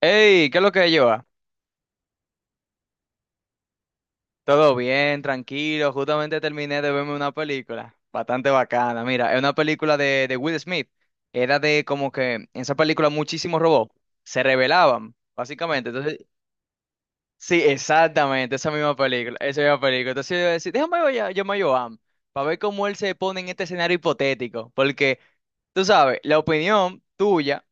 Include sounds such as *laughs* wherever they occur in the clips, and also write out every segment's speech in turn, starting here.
Hey, ¿qué es lo que lleva? Todo bien, tranquilo. Justamente terminé de verme una película bastante bacana. Mira, es una película de Will Smith. Era de como que en esa película muchísimos robots se rebelaban, básicamente. Entonces, sí, exactamente, esa misma película, esa misma película. Entonces yo decía, déjame ver, yo me a Joan para ver cómo él se pone en este escenario hipotético. Porque tú sabes, la opinión tuya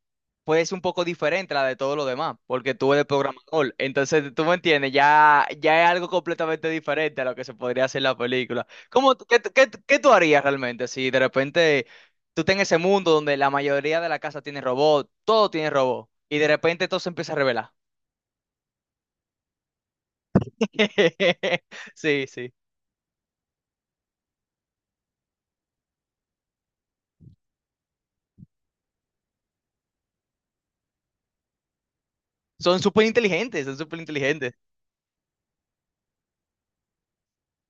pues es un poco diferente a la de todos los demás, porque tú eres programador. Entonces, tú me entiendes, ya, ya es algo completamente diferente a lo que se podría hacer en la película. ¿Cómo, qué tú harías realmente si de repente tú estás en ese mundo donde la mayoría de la casa tiene robot, todo tiene robot, y de repente todo se empieza a revelar? *laughs* Sí, sí. Son súper inteligentes, son súper inteligentes.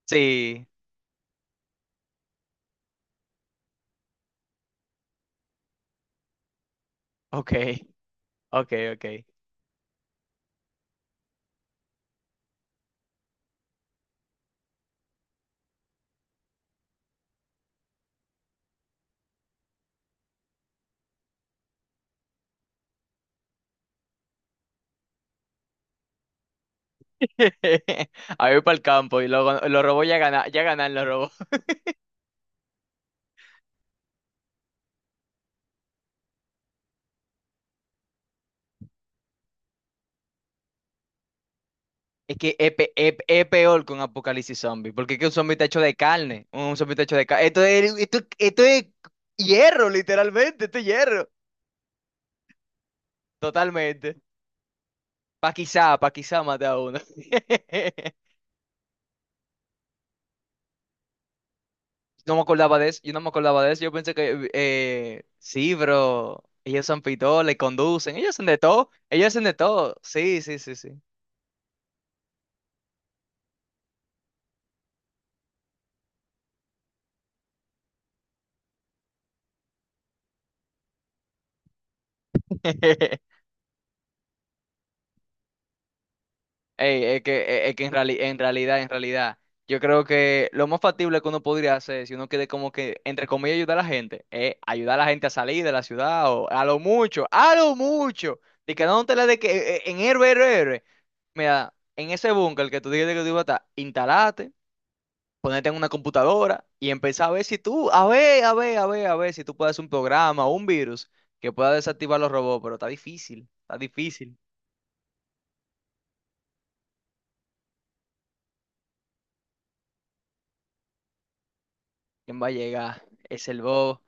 Sí, ok, ok, ok. *laughs* A ir para el campo y los robots ya ganan los robots. Es que es peor que un apocalipsis zombie, porque es que un zombie está hecho de carne, un zombie está hecho de carne. Esto es hierro, literalmente, esto es hierro. Totalmente. Pa' quizá mate a uno. *laughs* No me acordaba de eso, yo no me acordaba de eso, yo pensé que, sí, bro, ellos son pitoles, conducen, ellos hacen de todo, ellos hacen de todo, sí, sí, sí, sí. *laughs* Ey, es que, es en realidad, yo creo que lo más factible que uno podría hacer, si uno quiere como que, entre comillas, ayudar a la gente, es ayudar a la gente a salir de la ciudad, o a lo mucho, de que no te la de que en héroe, héroe, héroe. Mira, en ese búnker que tú dijiste que tú ibas a estar, instalate, ponete en una computadora y empezá a ver si tú, a ver si tú puedes hacer un programa o un virus que pueda desactivar los robots, pero está difícil, está difícil. ¿Quién va a llegar? Es el bobo.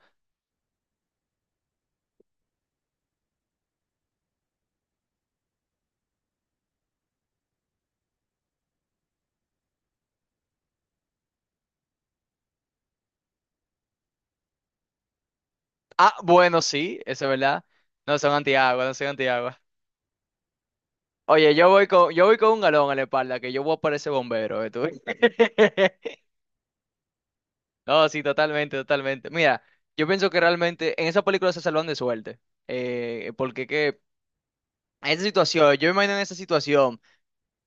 Ah, bueno, sí, eso es verdad. No son antiagua, no son antiagua. Oye, yo voy con un galón a la espalda, que yo voy a parecer bombero, ¿eh, tú? *laughs* No, sí, totalmente, totalmente. Mira, yo pienso que realmente en esa película se salvan de suerte. Porque que en esa situación, yo me imagino en esa situación.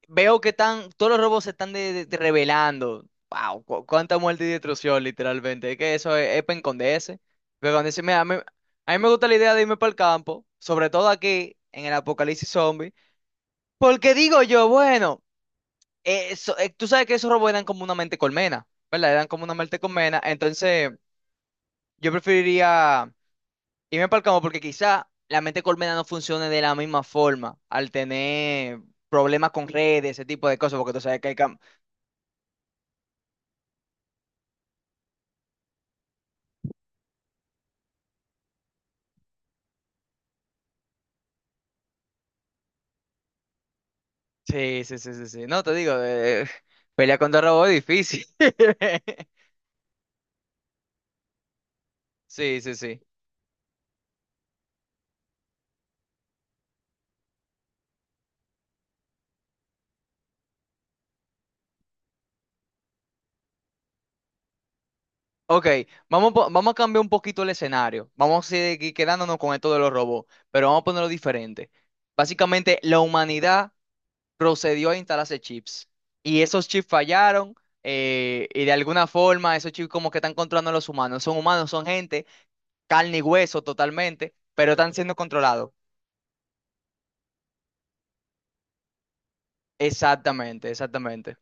Veo que están, todos los robos se están de revelando. Wow, cuánta muerte y destrucción, literalmente. Es que es para esconderse. Pero cuando dice, mira, a mí me gusta la idea de irme para el campo, sobre todo aquí, en el apocalipsis zombie. Porque digo yo, bueno, tú sabes que esos robos eran como una mente colmena, ¿verdad? Eran como una mente colmena. Entonces, yo preferiría irme para el campo porque quizá la mente colmena no funcione de la misma forma al tener problemas con redes, ese tipo de cosas, porque tú sabes que hay sí, sí, sí, sí, sí. No, te digo, *laughs* pelea contra robots es difícil. *laughs* Sí, sí, sí. Ok, vamos a cambiar un poquito el escenario. Vamos a seguir quedándonos con esto de los robots, pero vamos a ponerlo diferente. Básicamente, la humanidad procedió a instalarse chips y esos chips fallaron y de alguna forma esos chips como que están controlando a los humanos. Son humanos, son gente, carne y hueso totalmente, pero están siendo controlados. Exactamente, exactamente.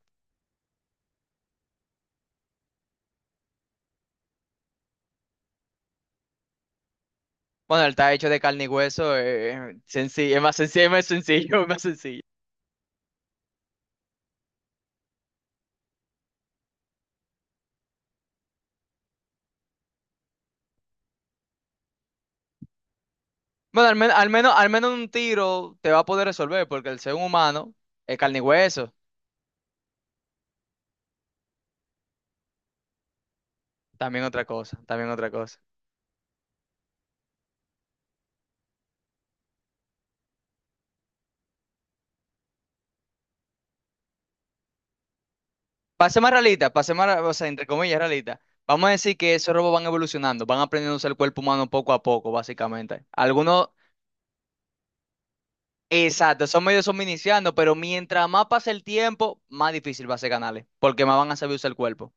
Bueno, él está hecho de carne y hueso, sencillo, es más sencillo, es más sencillo, *laughs* es más sencillo. Bueno, al menos un tiro te va a poder resolver, porque el ser humano es carne y hueso. También otra cosa, también otra cosa. Pase más realista, o sea, entre comillas, realista. Vamos a decir que esos robots van evolucionando, van aprendiendo a usar el cuerpo humano poco a poco, básicamente. Algunos, exacto, son medios, son iniciando, pero mientras más pase el tiempo, más difícil va a ser ganarle, porque más van a saber usar el cuerpo.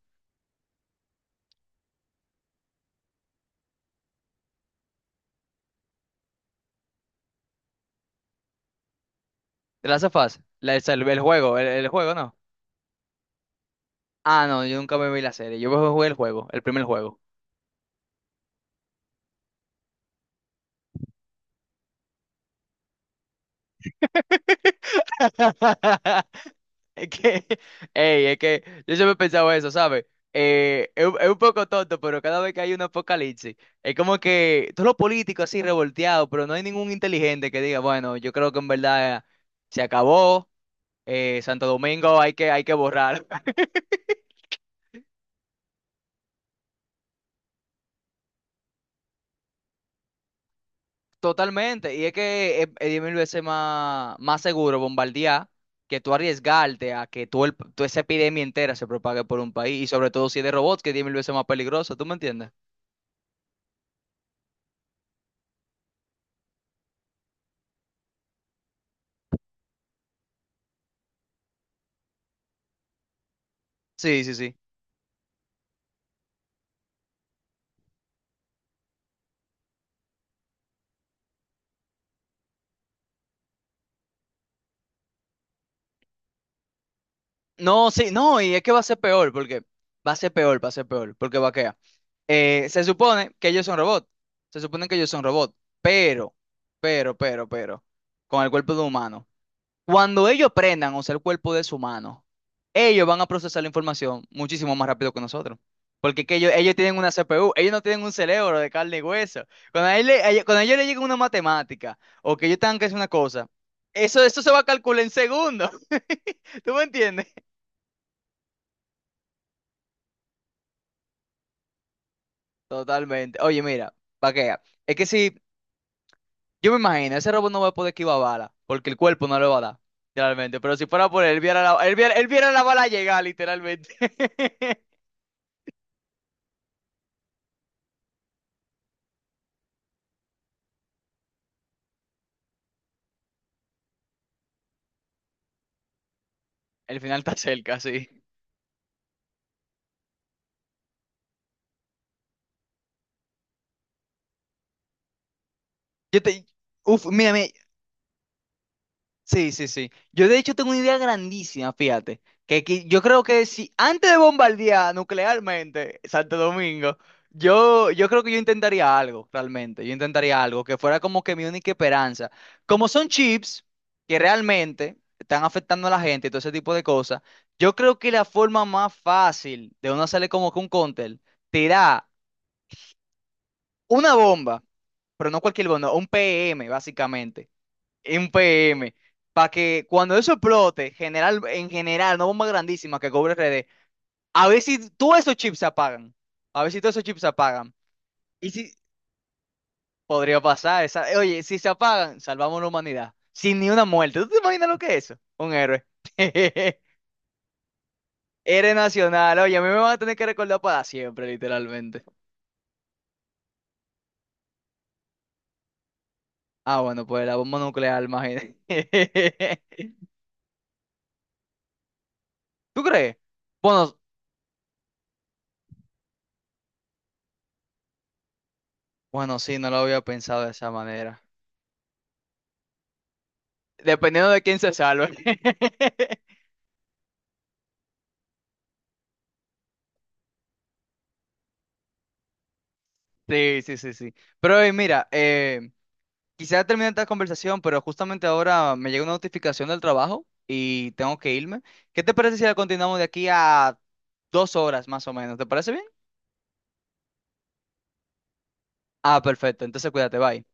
¿Te la hace fácil? El juego, el juego, ¿no? Ah, no, yo nunca me vi la serie. Yo jugué el juego, el primer juego. *laughs* Es que, ey, es que yo siempre he pensado eso, ¿sabes? Es un poco tonto, pero cada vez que hay un apocalipsis, es como que todos los políticos así revolteados, pero no hay ningún inteligente que diga, bueno, yo creo que en verdad se acabó, Santo Domingo hay que borrar. Totalmente, y es que es 10.000 veces más, más seguro bombardear que tú arriesgarte a que tú esa epidemia entera se propague por un país, y sobre todo si es de robots, que es 10.000 veces más peligroso, ¿tú me entiendes? Sí, sí, sí. No, sí, no, y es que va a ser peor, porque va a ser peor, va a ser peor, porque va a quedar. Se supone que ellos son robots, se supone que ellos son robots, pero, pero con el cuerpo de un humano. Cuando ellos prendan, o sea, el cuerpo de su mano, ellos van a procesar la información muchísimo más rápido que nosotros. Porque que ellos tienen una CPU, ellos no tienen un cerebro de carne y hueso. Cuando a ellos les llega una matemática o que ellos tengan que hacer una cosa, eso se va a calcular en segundos. *laughs* ¿Tú me entiendes? Totalmente. Oye, mira, pa' que vea. Es que si, yo me imagino, ese robot no va a poder esquivar bala, porque el cuerpo no le va a dar, literalmente. Pero si fuera por él, él viera la bala llegar, literalmente. *laughs* El final está cerca, sí. Yo te... Uf, mírame. Sí, sí, sí. Yo de hecho tengo una idea grandísima, fíjate. Que yo creo que si antes de bombardear nuclearmente Santo Domingo, yo creo que yo intentaría algo, realmente. Yo intentaría algo que fuera como que mi única esperanza. Como son chips que realmente están afectando a la gente y todo ese tipo de cosas, yo creo que la forma más fácil de uno hacerle como que un cóctel, tirar una bomba, pero no cualquier bomba, un PM, básicamente un PM, para que cuando eso explote, general, en general, no bomba grandísima que cobre RD, a ver si todos esos chips se apagan. A ver si todos esos chips se apagan. Y si podría pasar, oye, si se apagan, salvamos la humanidad. Sin ni una muerte. ¿Tú te imaginas lo que es eso? Un héroe. *laughs* Héroe nacional. Oye, a mí me van a tener que recordar para siempre, literalmente. Ah, bueno, pues la bomba nuclear, imagínate. *laughs* ¿Tú crees? Bueno, bueno, sí, no lo había pensado de esa manera. Dependiendo de quién se salve. *laughs* Sí, sí, sí, sí. Pero mira, quisiera terminar esta conversación, pero justamente ahora me llega una notificación del trabajo y tengo que irme. ¿Qué te parece si la continuamos de aquí a 2 horas más o menos? ¿Te parece bien? Ah, perfecto. Entonces cuídate, bye.